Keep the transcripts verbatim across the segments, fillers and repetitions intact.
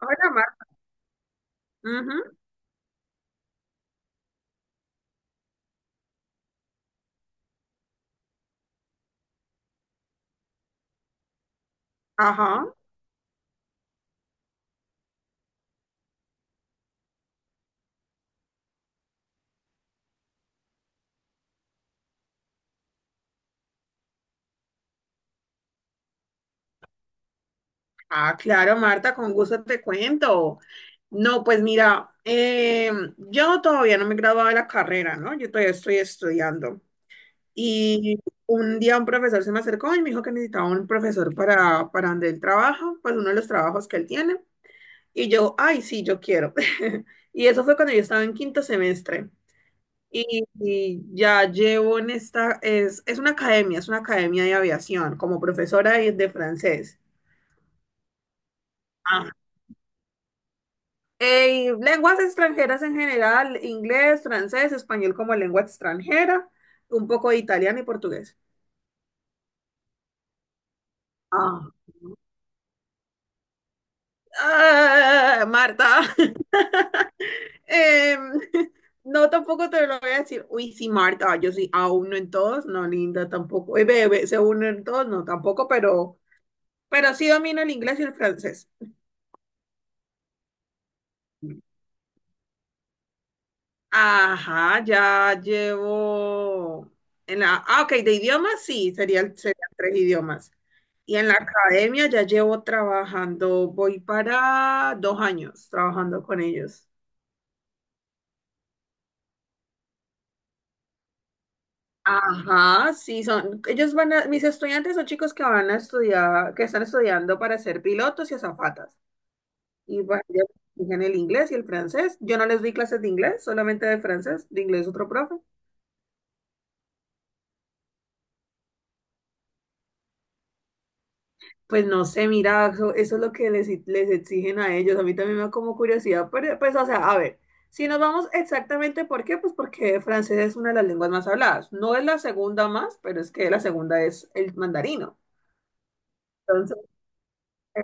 Hola, Marta. Ujú. Ajá. Ah, claro, Marta, con gusto te cuento. No, pues mira, eh, yo todavía no me he graduado de la carrera, ¿no? Yo todavía estoy estudiando. Y un día un profesor se me acercó y me dijo que necesitaba un profesor para para donde él trabaja, pues uno de los trabajos que él tiene. Y yo, ay, sí, yo quiero. Y eso fue cuando yo estaba en quinto semestre. Y, y ya llevo en esta, es, es una academia, es una academia, de aviación, como profesora de de francés. Ah, eh, lenguas extranjeras en general, inglés, francés, español como lengua extranjera, un poco de italiano y portugués. Ah. Ah, Marta. Em, no, tampoco te lo voy a decir. Uy, sí, Marta, yo sí, a uno en todos, no, linda, tampoco. Eh, bebé, se uno en todos, no, tampoco, pero, pero sí domino el inglés y el francés. Ajá, ya llevo en la... Ah, ok, de idiomas sí, serían, serían tres idiomas. Y en la academia ya llevo trabajando, voy para dos años trabajando con ellos. Ajá, sí, son, ellos van a, mis estudiantes son chicos que van a estudiar, que están estudiando para ser pilotos y azafatas. Y bueno, ellos exigen el inglés y el francés. Yo no les di clases de inglés, solamente de francés, de inglés otro profe. Pues no sé, mira, eso, eso es lo que les, les exigen a ellos. A mí también me da como curiosidad, pero, pues, o sea, a ver, si nos vamos exactamente por qué, pues porque francés es una de las lenguas más habladas. No es la segunda más, pero es que la segunda es el mandarino. Entonces, eh,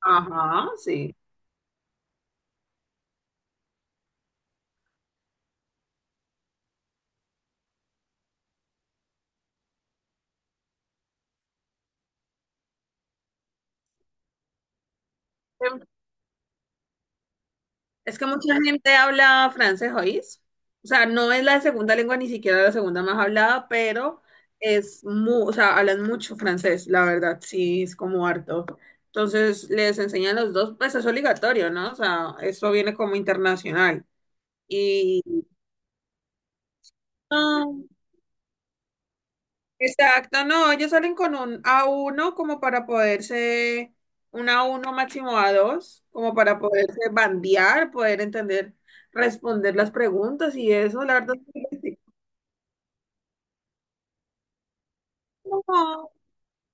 ajá, sí. Es que mucha gente habla francés, ¿oís? O sea, no es la segunda lengua, ni siquiera la segunda más hablada, pero es mu, o sea, hablan mucho francés, la verdad, sí, es como harto. Entonces, les enseñan los dos, pues es obligatorio, ¿no? O sea, eso viene como internacional. Y, ah, Exacto, no, ellos salen con un a uno como para poderse, un a uno máximo a dos, como para poderse bandear, poder entender, responder las preguntas y eso, la verdad. Es No,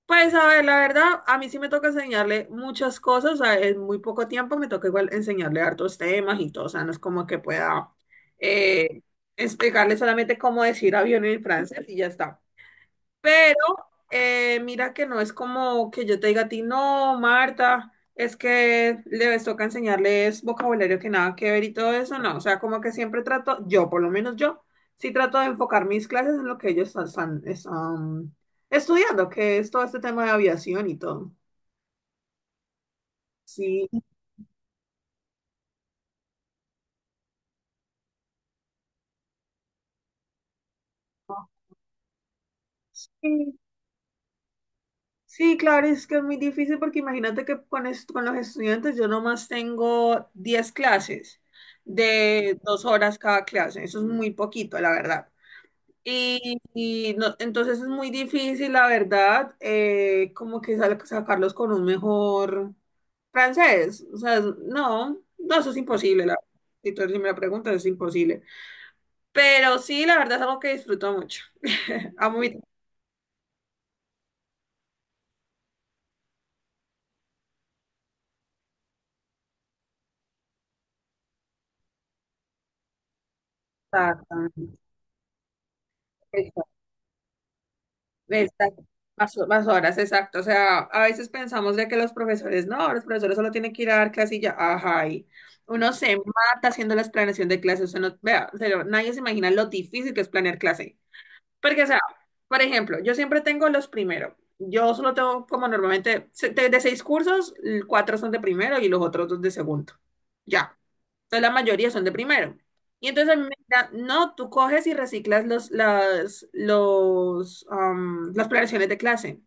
pues a ver, la verdad, a mí sí me toca enseñarle muchas cosas, o sea, en muy poco tiempo me toca igual enseñarle hartos temas y todo, o sea, no es como que pueda eh, explicarle solamente cómo decir avión en francés y ya está. Pero eh, mira que no es como que yo te diga a ti, no, Marta, es que les toca enseñarles vocabulario que nada que ver y todo eso, no. O sea, como que siempre trato, yo por lo menos yo, sí trato de enfocar mis clases en lo que ellos están, están- están estudiando, que es todo este tema de aviación y todo. Sí, no. Sí. Sí, claro, es que es muy difícil porque imagínate que con, est- con los estudiantes yo nomás tengo diez clases de dos horas cada clase. Eso es muy poquito, la verdad. Y, y no- entonces es muy difícil, la verdad, eh, como que sal- sacarlos con un mejor francés. O sea, no, no, eso es imposible, la verdad. Si tú si me la preguntas, es imposible. Pero sí, la verdad es algo que disfruto mucho. Amo mi trabajo. Exacto. Más, más horas, exacto. O sea, a veces pensamos de que los profesores, no, los profesores solo tienen que ir a dar clase y ya, ajá. Y uno se mata haciendo la planeación de clases. Uno, no- vea, pero nadie se imagina lo difícil que es planear clase. Porque, o sea, por ejemplo, yo siempre tengo los primero. Yo solo tengo como normalmente, se- de, de seis cursos, l- cuatro son de primero y los otros dos de segundo. Ya. Entonces la mayoría son de primero. Y entonces a mí me dirán, no, tú coges y reciclas los, las, los, am, las planeaciones de clase.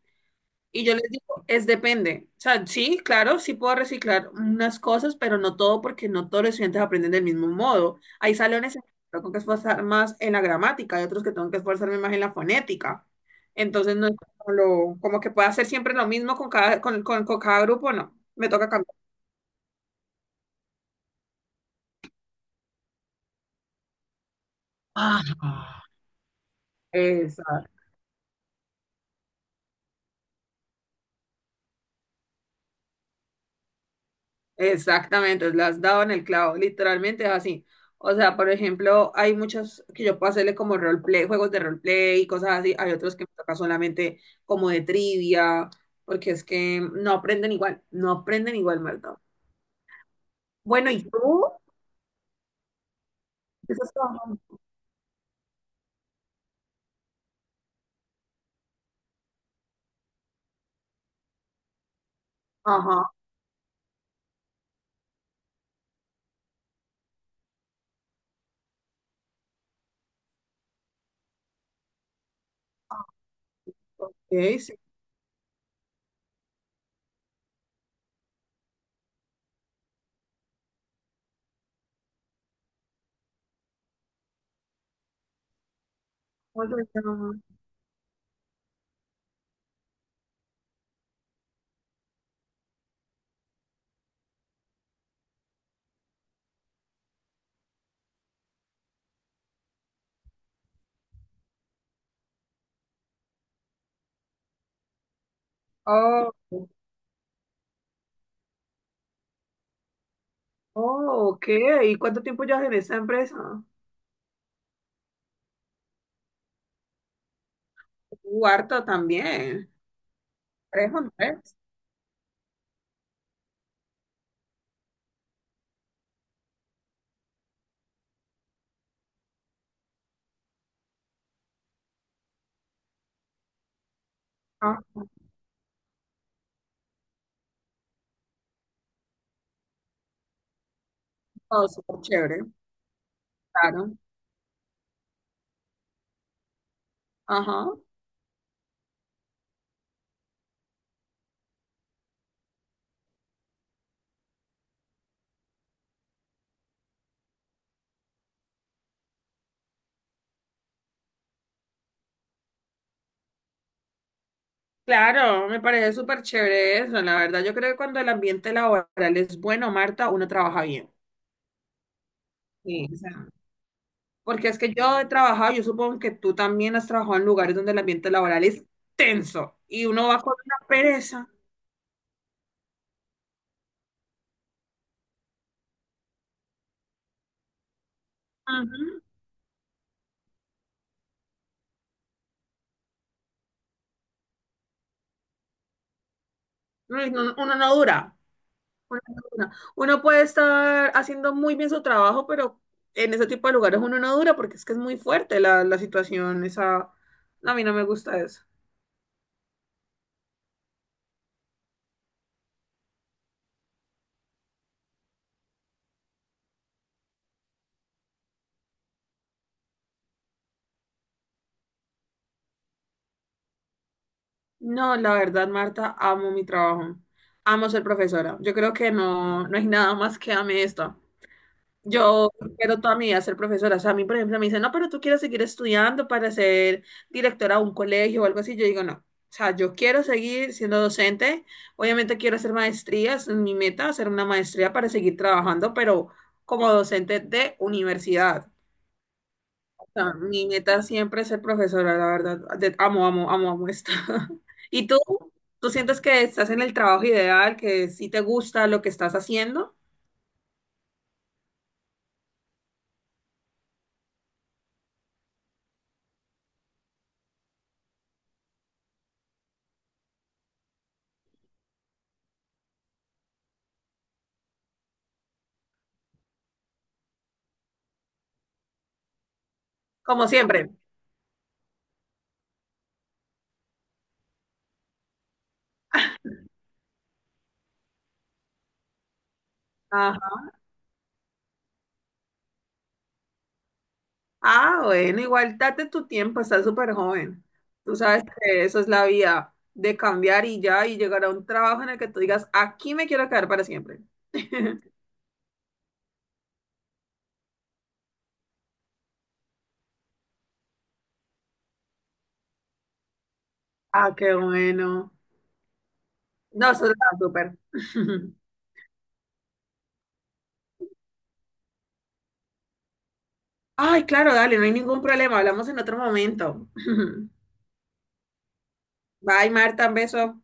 Y yo les digo, es depende. O sea, sí, claro, sí puedo reciclar unas cosas, pero no todo porque no todos los estudiantes aprenden del mismo modo. Hay salones en los que tengo que esforzar más en la gramática, hay otros que tengo que esforzarme más en la fonética. Entonces no es como, lo, como que pueda hacer siempre lo mismo con cada, con, con, con cada grupo, no. Me toca cambiar. Ah, exacto. Exactamente, le has dado en el clavo, literalmente es así. O sea, por ejemplo, hay muchos que yo puedo hacerle como roleplay, juegos de roleplay y cosas así. Hay otros que me toca solamente como de trivia, porque es que no aprenden igual, no aprenden igual, Marta. Bueno, ¿y tú? ¿Qué estás trabajando? Ajá, ok, sí. ¿Cómo se llama? Oh, oh, ok. ¿Y cuánto tiempo llevas en esa empresa? Uh, harto también. ¿Tres o no? Ah, oh, súper chévere, claro. Ajá. Claro, me parece súper chévere eso, la verdad. Yo creo que cuando el ambiente laboral es bueno, Marta, uno trabaja bien. Sí. O sea, porque es que yo he trabajado, yo supongo que tú también has trabajado en lugares donde el ambiente laboral es tenso y uno va con una pereza. Ujú. Uy, no- uno, no dura. Uno, no dura. Uno puede estar haciendo muy bien su trabajo, pero en ese tipo de lugares uno no dura porque es que es muy fuerte la, la situación. Esa, a mí no me gusta eso. No, la verdad, Marta, amo mi trabajo. Amo ser profesora. Yo creo que no, no hay nada más que ame esto. Yo quiero toda mi vida ser profesora. O sea, a mí, por ejemplo, me dicen, no, pero tú quieres seguir estudiando para ser directora de un colegio o algo así. Yo digo, no. O sea, yo quiero seguir siendo docente. Obviamente quiero hacer maestrías. Mi meta es hacer una maestría para seguir trabajando, pero como docente de universidad. No, mi meta siempre es ser profesora, la verdad. De- amo, amo, amo, amo esto. ¿Y tú? ¿Tú sientes que estás en el trabajo ideal, que sí te gusta lo que estás haciendo? Como siempre. Ajá. Ah, bueno, igual date tu tiempo, estás súper joven. Tú sabes que eso es la vía de cambiar y ya, y llegar a un trabajo en el que tú digas, aquí me quiero quedar para siempre. Ah, qué bueno. No, eso está súper. Ay, claro, dale, no hay ningún problema. Hablamos en otro momento. Bye, Marta, un beso.